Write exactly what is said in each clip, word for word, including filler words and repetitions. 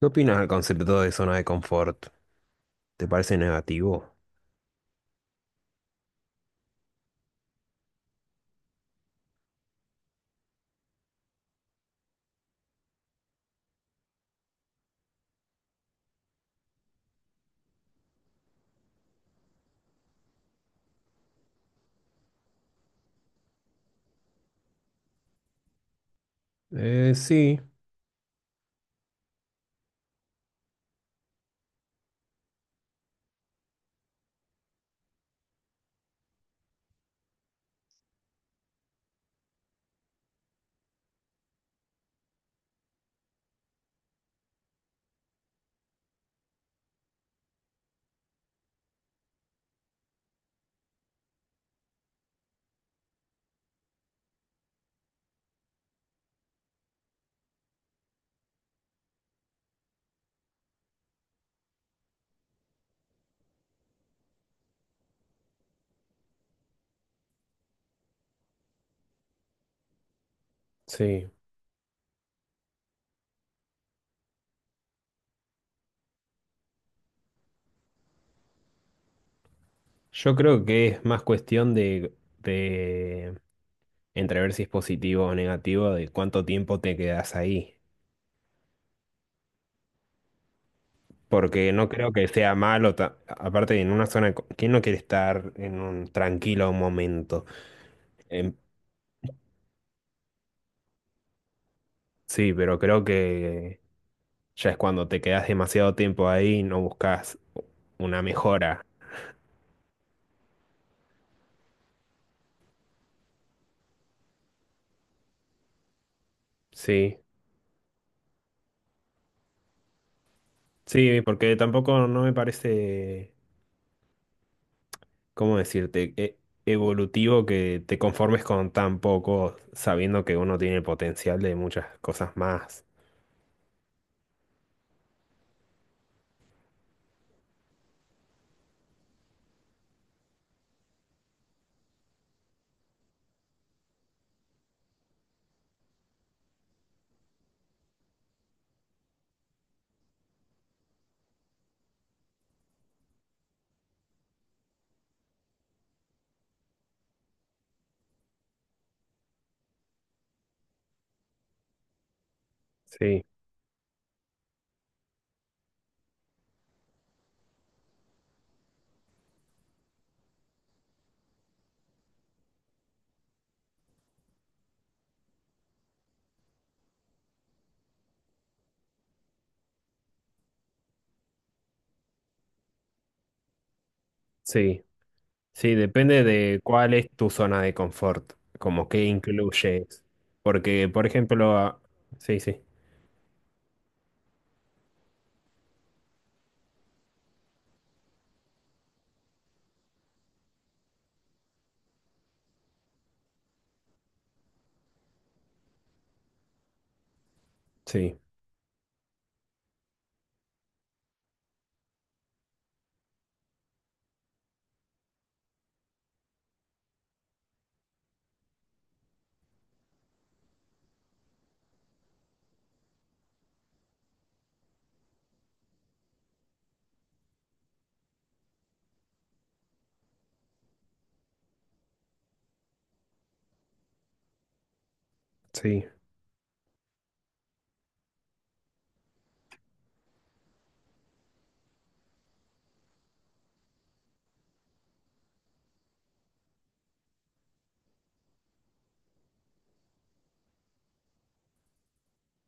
¿Qué opinas del concepto de zona de confort? ¿Te parece negativo? Eh, sí, sí. Yo creo que es más cuestión de, de entrever si es positivo o negativo, de cuánto tiempo te quedas ahí. Porque no creo que sea malo, ta- aparte en una zona, de co- ¿quién no quiere estar en un tranquilo momento? Em, sí, pero creo que ya es cuando te quedas demasiado tiempo ahí y no buscas una mejora. Sí. Sí, porque tampoco no me parece, ¿cómo decirte?, e- evolutivo que te conformes con tan poco, sabiendo que uno tiene el potencial de muchas cosas más. Sí, sí, sí, depende de cuál es tu zona de confort, como qué incluyes. Porque, por ejemplo, a- sí, sí, sí, sí,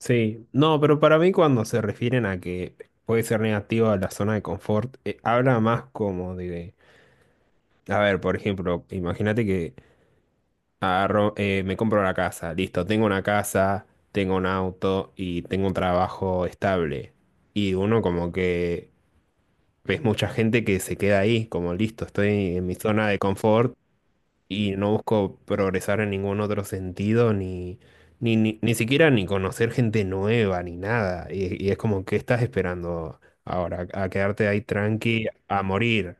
sí. No, pero para mí cuando se refieren a que puede ser negativo a la zona de confort, eh, habla más como de... A ver, por ejemplo, imagínate que agarro, eh, me compro una casa, listo, tengo una casa, tengo un auto y tengo un trabajo estable. Y uno como que ves mucha gente que se queda ahí, como listo, estoy en mi zona de confort y no busco progresar en ningún otro sentido, ni, ni, ni, ni siquiera ni conocer gente nueva, ni nada. Y, y es como, ¿qué estás esperando ahora? ¿A quedarte ahí tranqui, a morir?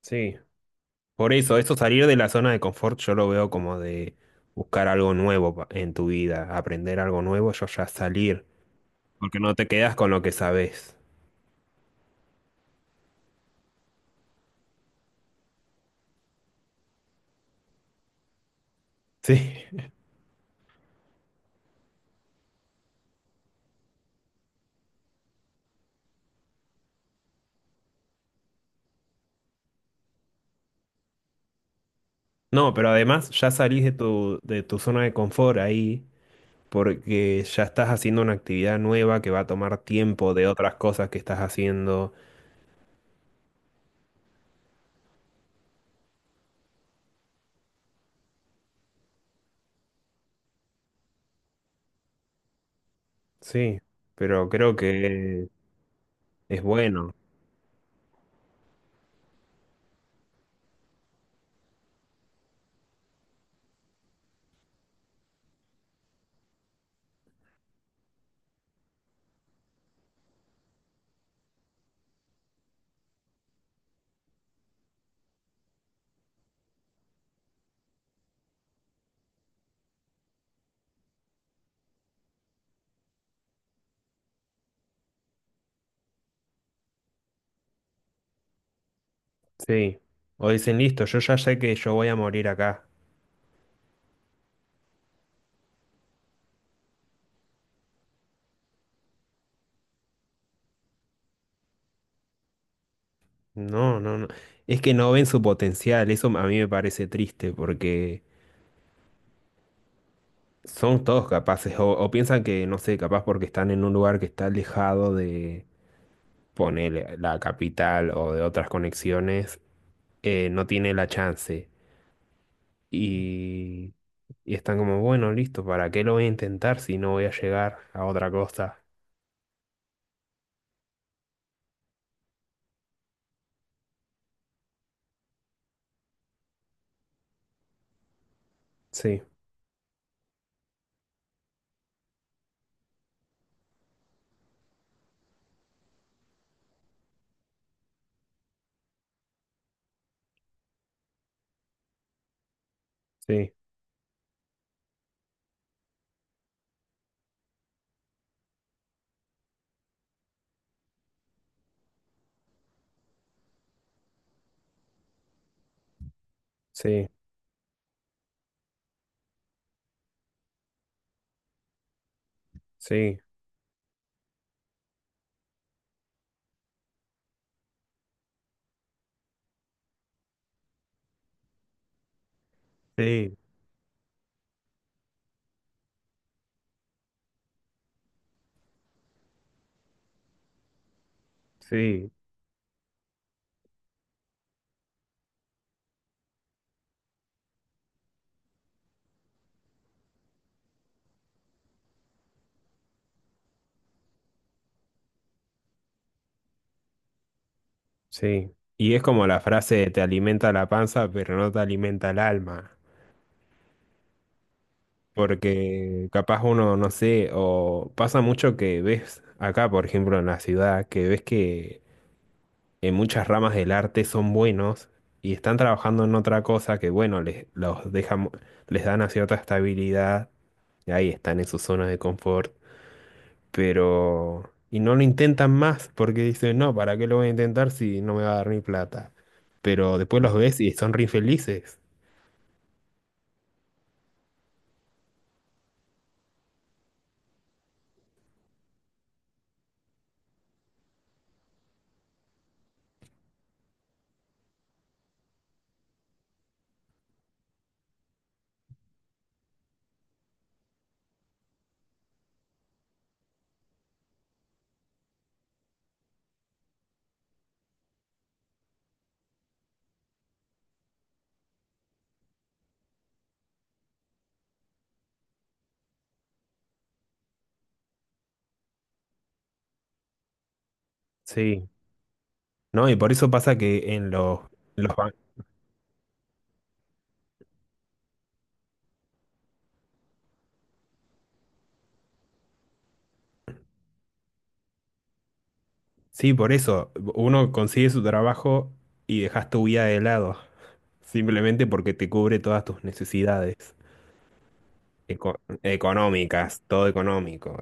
Sí. Por eso, eso salir de la zona de confort yo lo veo como de buscar algo nuevo pa- en tu vida, aprender algo nuevo, yo ya salir, porque no te quedas con lo que sabes. Sí. No, pero además ya salís de tu, de tu zona de confort ahí, porque ya estás haciendo una actividad nueva que va a tomar tiempo de otras cosas que estás haciendo. Sí, pero creo que es bueno. Sí. O dicen, listo, yo ya sé que yo voy a morir acá. No, no, no. Es que no ven su potencial. Eso a mí me parece triste porque son todos capaces. O, o piensan que, no sé, capaz porque están en un lugar que está alejado de, ponele, la capital o de otras conexiones, eh, no tiene la chance. Y, y están como, bueno, listo, ¿para qué lo voy a intentar si no voy a llegar a otra cosa? Sí, sí, sí, sí, sí, sí. Sí, y es como la frase, te alimenta la panza, pero no te alimenta el alma, porque capaz uno, no sé, o pasa mucho que ves acá, por ejemplo, en la ciudad, que ves que en muchas ramas del arte son buenos y están trabajando en otra cosa que, bueno, les, los dejan, les dan una cierta estabilidad, y ahí están en su zona de confort. Pero... Y no lo intentan más porque dicen, no, ¿para qué lo voy a intentar si no me va a dar ni plata? Pero después los ves y son re infelices. Sí, ¿no? Y por eso pasa que en los, los ban- sí, por eso. Uno consigue su trabajo y dejas tu vida de lado. Simplemente porque te cubre todas tus necesidades eco- económicas, todo económico.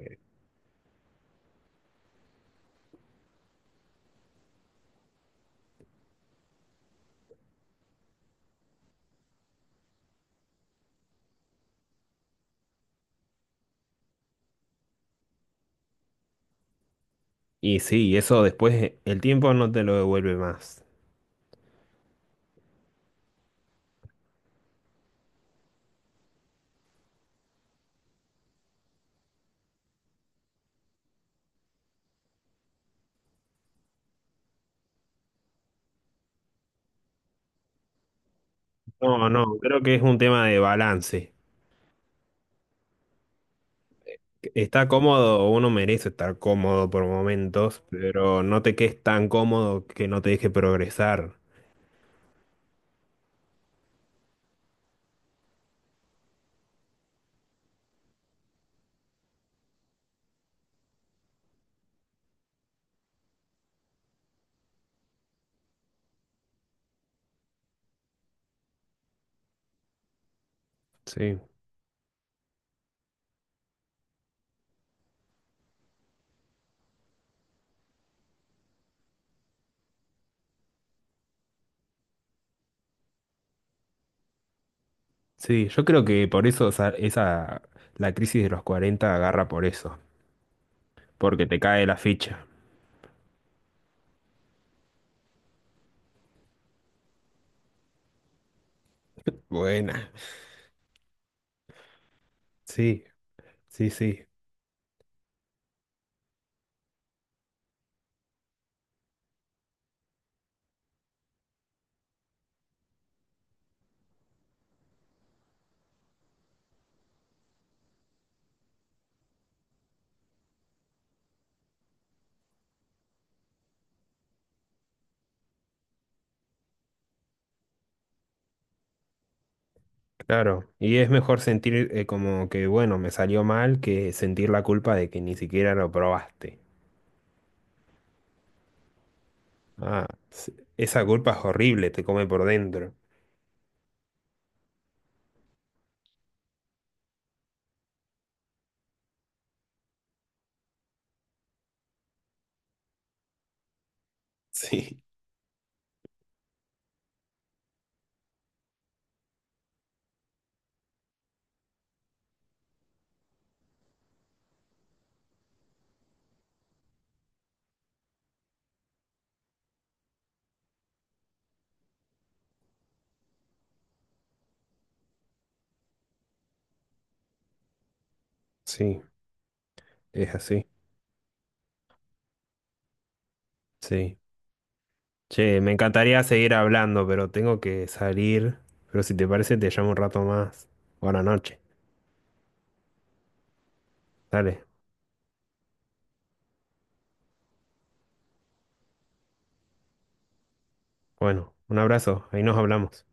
Y sí, eso después el tiempo no te lo devuelve más. No, no, creo que es un tema de balance. Está cómodo, uno merece estar cómodo por momentos, pero no te quedes tan cómodo que no te deje progresar. Sí, sí, yo creo que por eso esa, esa- la crisis de los cuarenta agarra por eso, porque te cae la ficha. Buena. Sí, sí, sí, claro. Y es mejor sentir eh, como que, bueno, me salió mal que sentir la culpa de que ni siquiera lo probaste. Ah, sí, esa culpa es horrible, te come por dentro. Sí. Sí, es así. Sí. Che, me encantaría seguir hablando, pero tengo que salir. Pero si te parece, te llamo un rato más. Buenas noches. Dale. Bueno, un abrazo. Ahí nos hablamos.